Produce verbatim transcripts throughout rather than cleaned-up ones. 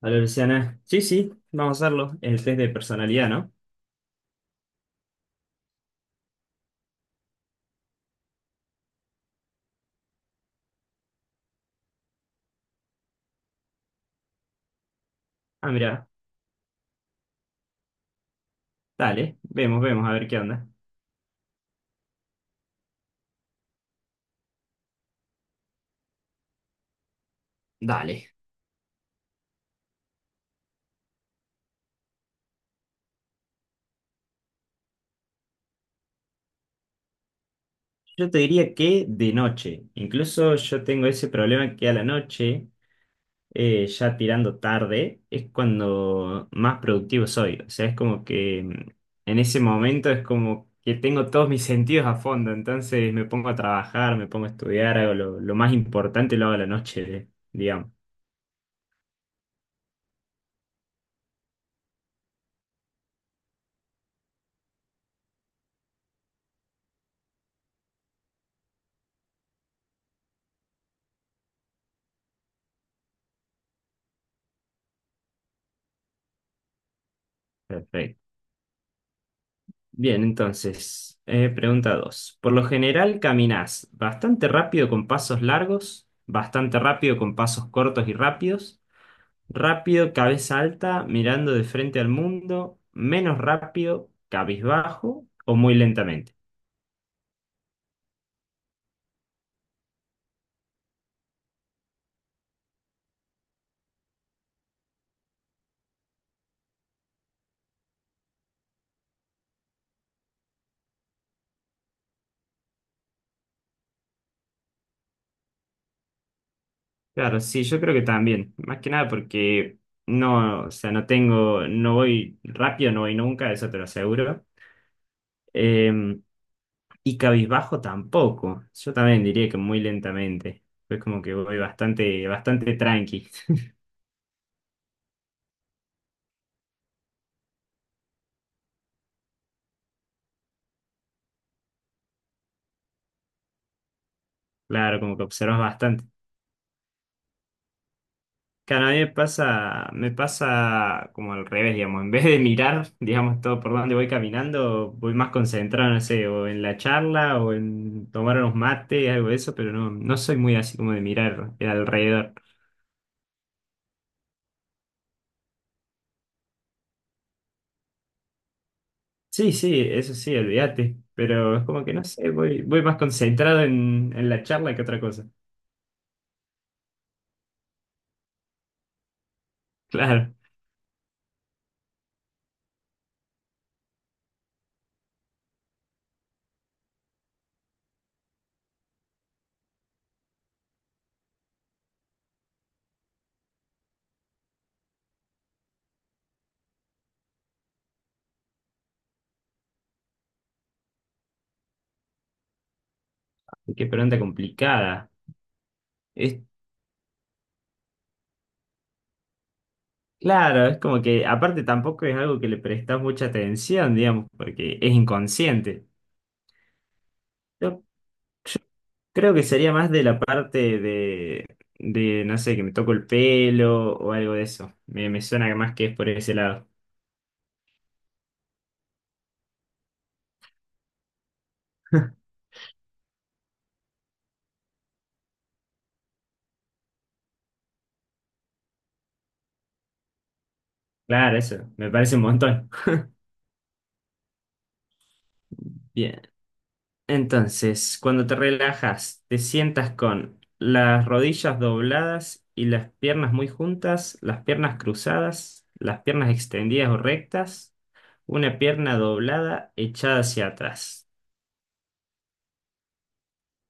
Hola Luciana. Sí, sí, vamos a hacerlo. El test de personalidad, ¿no? Ah, mira, dale, vemos, vemos, a ver qué onda. Dale. Yo te diría que de noche. Incluso yo tengo ese problema que a la noche, eh, ya tirando tarde, es cuando más productivo soy. O sea, es como que mm, en ese momento es como que tengo todos mis sentidos a fondo. Entonces me pongo a trabajar, me pongo a estudiar, hago lo, lo más importante, lo hago a la noche, digamos. Perfecto. Bien, entonces, eh, pregunta dos. Por lo general, ¿caminás bastante rápido con pasos largos, bastante rápido con pasos cortos y rápidos, rápido, cabeza alta, mirando de frente al mundo, menos rápido, cabizbajo o muy lentamente? Claro, sí, yo creo que también, más que nada porque no, o sea, no tengo, no voy rápido, no voy nunca, eso te lo aseguro. Em, Y cabizbajo tampoco. Yo también diría que muy lentamente. Es como que voy bastante, bastante tranqui. Claro, como que observas bastante. Claro, a mí me pasa, me pasa como al revés, digamos. En vez de mirar, digamos, todo por donde voy caminando, voy más concentrado, no sé, o en la charla o en tomar unos mates, algo de eso, pero no, no soy muy así como de mirar el alrededor. Sí, sí, eso sí, olvídate. Pero es como que no sé, voy, voy más concentrado en, en la charla que otra cosa. Claro. Qué pregunta complicada. Es claro, es como que aparte tampoco es algo que le prestas mucha atención, digamos, porque es inconsciente. Yo creo que sería más de la parte de, de no sé, que me toco el pelo o algo de eso. Me, me suena más que es por ese lado. Claro, eso, me parece un montón. Bien, entonces, cuando te relajas, te sientas con las rodillas dobladas y las piernas muy juntas, las piernas cruzadas, las piernas extendidas o rectas. Una pierna doblada echada hacia atrás.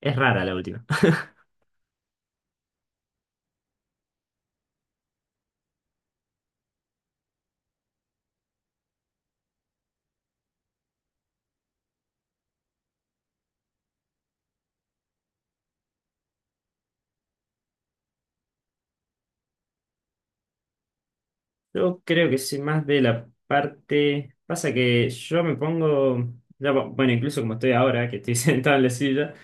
Es rara la última. Yo creo que soy más de la parte... Pasa que yo me pongo... ya, bu- bueno, incluso como estoy ahora, que estoy sentado en la silla,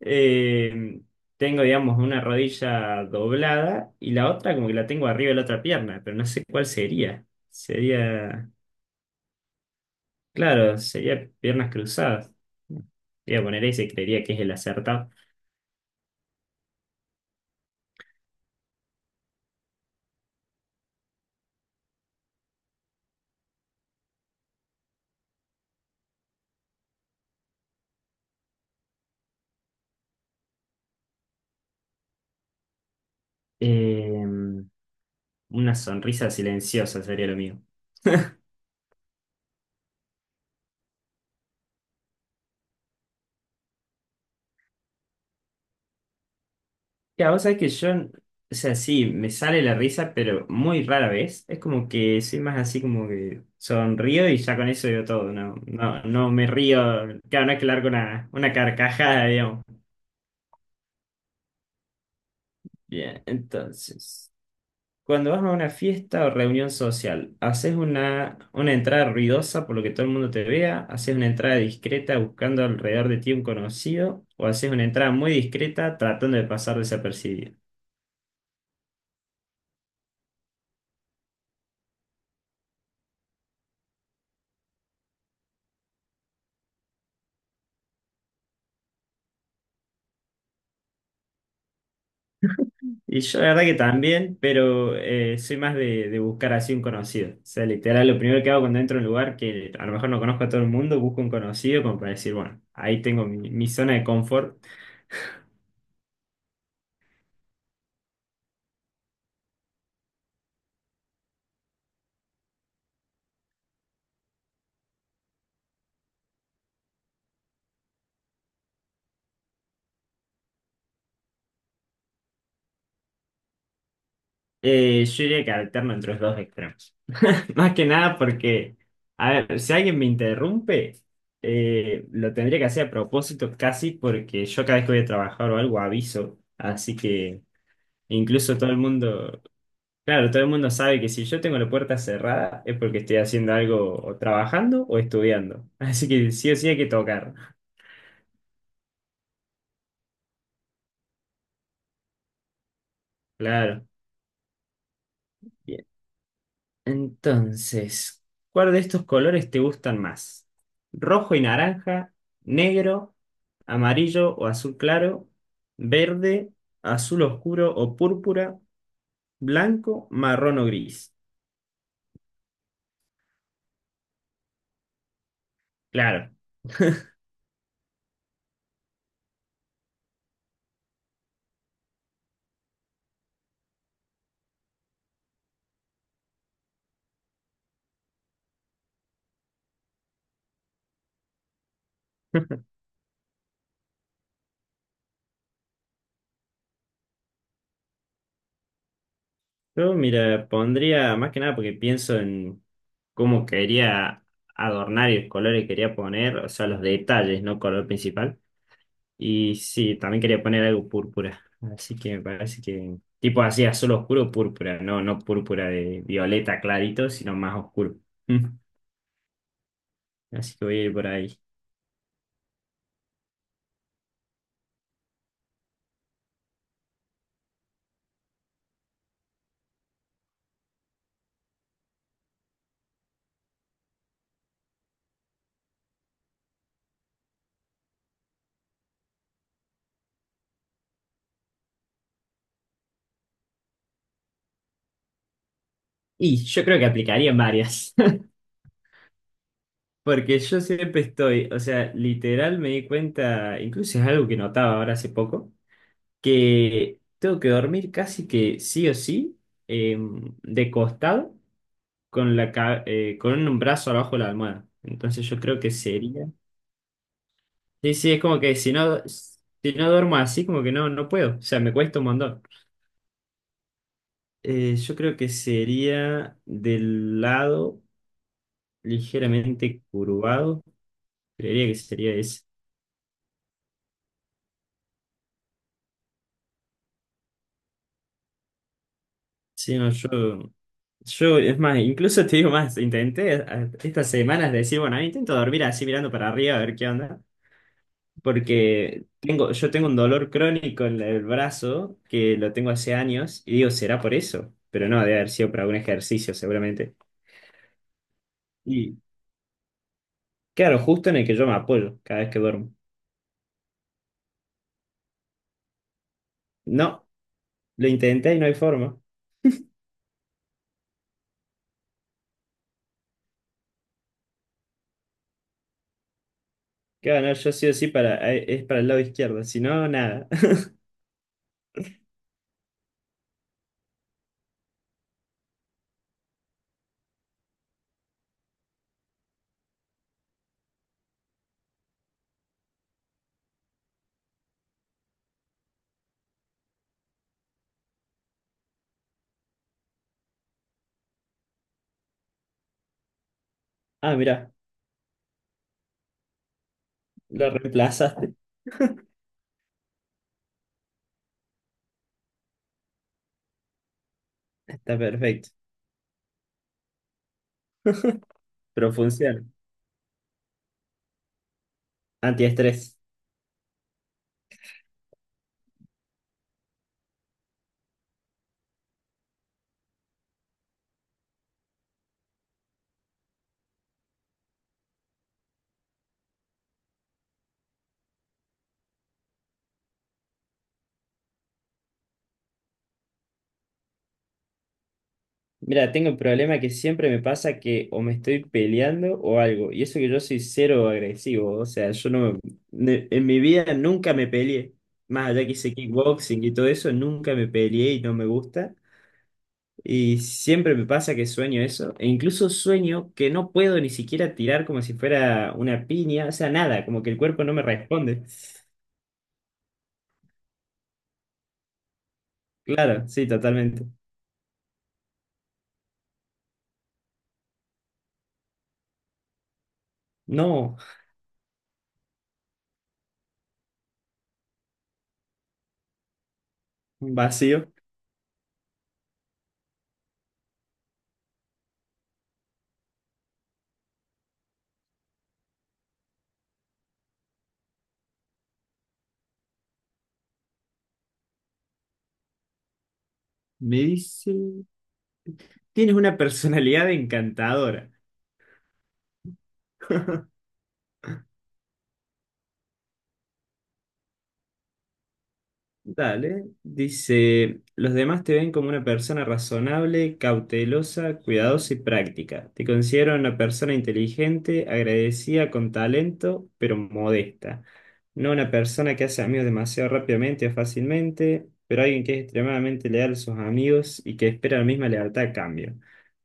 eh, tengo, digamos, una rodilla doblada y la otra como que la tengo arriba de la otra pierna, pero no sé cuál sería. Sería... Claro, sería piernas cruzadas. Voy a poner ese, creería que es el acertado. Eh, una sonrisa silenciosa sería lo mío. Ya, vos sabés que yo, o sea, sí, me sale la risa, pero muy rara vez. Es como que soy más así como que sonrío y ya con eso digo todo. No, no, no me río. Claro, no es que largo una, una carcajada, digamos. Bien, entonces, cuando vas a una fiesta o reunión social, haces una, una entrada ruidosa por lo que todo el mundo te vea, haces una entrada discreta buscando alrededor de ti un conocido, o haces una entrada muy discreta tratando de pasar desapercibido. Y yo la verdad que también, pero eh, soy más de, de buscar así un conocido. O sea, literal, lo primero que hago cuando entro a un lugar que a lo mejor no conozco a todo el mundo, busco un conocido como para decir, bueno, ahí tengo mi, mi zona de confort. Eh, yo diría que alterno entre los dos extremos. Más que nada porque, a ver, si alguien me interrumpe, eh, lo tendría que hacer a propósito casi porque yo cada vez que voy a trabajar o algo aviso. Así que incluso todo el mundo... Claro, todo el mundo sabe que si yo tengo la puerta cerrada es porque estoy haciendo algo o trabajando o estudiando. Así que sí o sí hay que tocar. Claro. Bien. Entonces, ¿cuál de estos colores te gustan más? ¿Rojo y naranja? ¿Negro? ¿Amarillo o azul claro? ¿Verde? ¿Azul oscuro o púrpura? ¿Blanco? ¿Marrón o gris? Claro. Yo, mira, pondría más que nada porque pienso en cómo quería adornar y los colores que quería poner, o sea, los detalles, no color principal. Y sí, también quería poner algo púrpura. Así que me parece que, tipo así, azul oscuro, púrpura, no, no púrpura de violeta clarito, sino más oscuro. Mm. Así que voy a ir por ahí. Y yo creo que aplicaría en varias. Porque yo siempre estoy, o sea, literal me di cuenta, incluso es algo que notaba ahora hace poco que tengo que dormir casi que sí o sí, eh, de costado, con la, ca- eh, con un brazo abajo de la almohada. Entonces yo creo que sería... Sí, sí, es como que si no, si no duermo así, como que no, no puedo. O sea, me cuesta un montón. Eh, yo creo que sería del lado ligeramente curvado. Creería que sería ese. Sí, no, yo, yo, es más, incluso te digo más, intenté a- estas semanas decir, bueno, intento dormir así mirando para arriba a ver qué onda. Porque tengo, yo tengo un dolor crónico en el brazo que lo tengo hace años y digo, ¿será por eso? Pero no, debe haber sido por algún ejercicio seguramente. Y claro, justo en el que yo me apoyo cada vez que duermo. No, lo intenté y no hay forma. Claro no, yo sí o sí para, eh, es para el lado izquierdo, si no, nada. Ah, mira, lo reemplazaste, está perfecto. Pero funciona. Antiestrés. Mira, tengo un problema que siempre me pasa que o me estoy peleando o algo. Y eso que yo soy cero agresivo. O sea, yo no, ne- en mi vida nunca me peleé. Más allá que hice kickboxing y todo eso, nunca me peleé y no me gusta. Y siempre me pasa que sueño eso. E incluso sueño que no puedo ni siquiera tirar como si fuera una piña. O sea, nada, como que el cuerpo no me responde. Claro, sí, totalmente. No, un vacío. Me dice, tienes una personalidad encantadora. Dale, dice, los demás te ven como una persona razonable, cautelosa, cuidadosa y práctica. Te considero una persona inteligente, agradecida, con talento, pero modesta. No una persona que hace amigos demasiado rápidamente o fácilmente, pero alguien que es extremadamente leal a sus amigos y que espera la misma lealtad a cambio.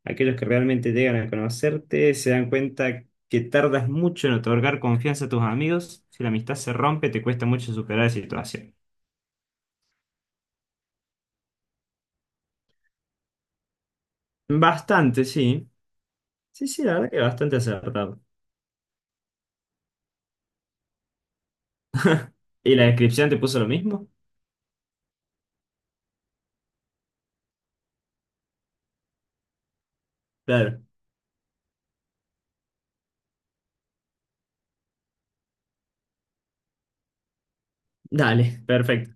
Aquellos que realmente llegan a conocerte se dan cuenta que tardas mucho en otorgar confianza a tus amigos. Si la amistad se rompe, te cuesta mucho superar la situación. Bastante, sí. Sí, sí, la verdad que bastante acertado. ¿Y la descripción te puso lo mismo? Claro. Dale, perfecto.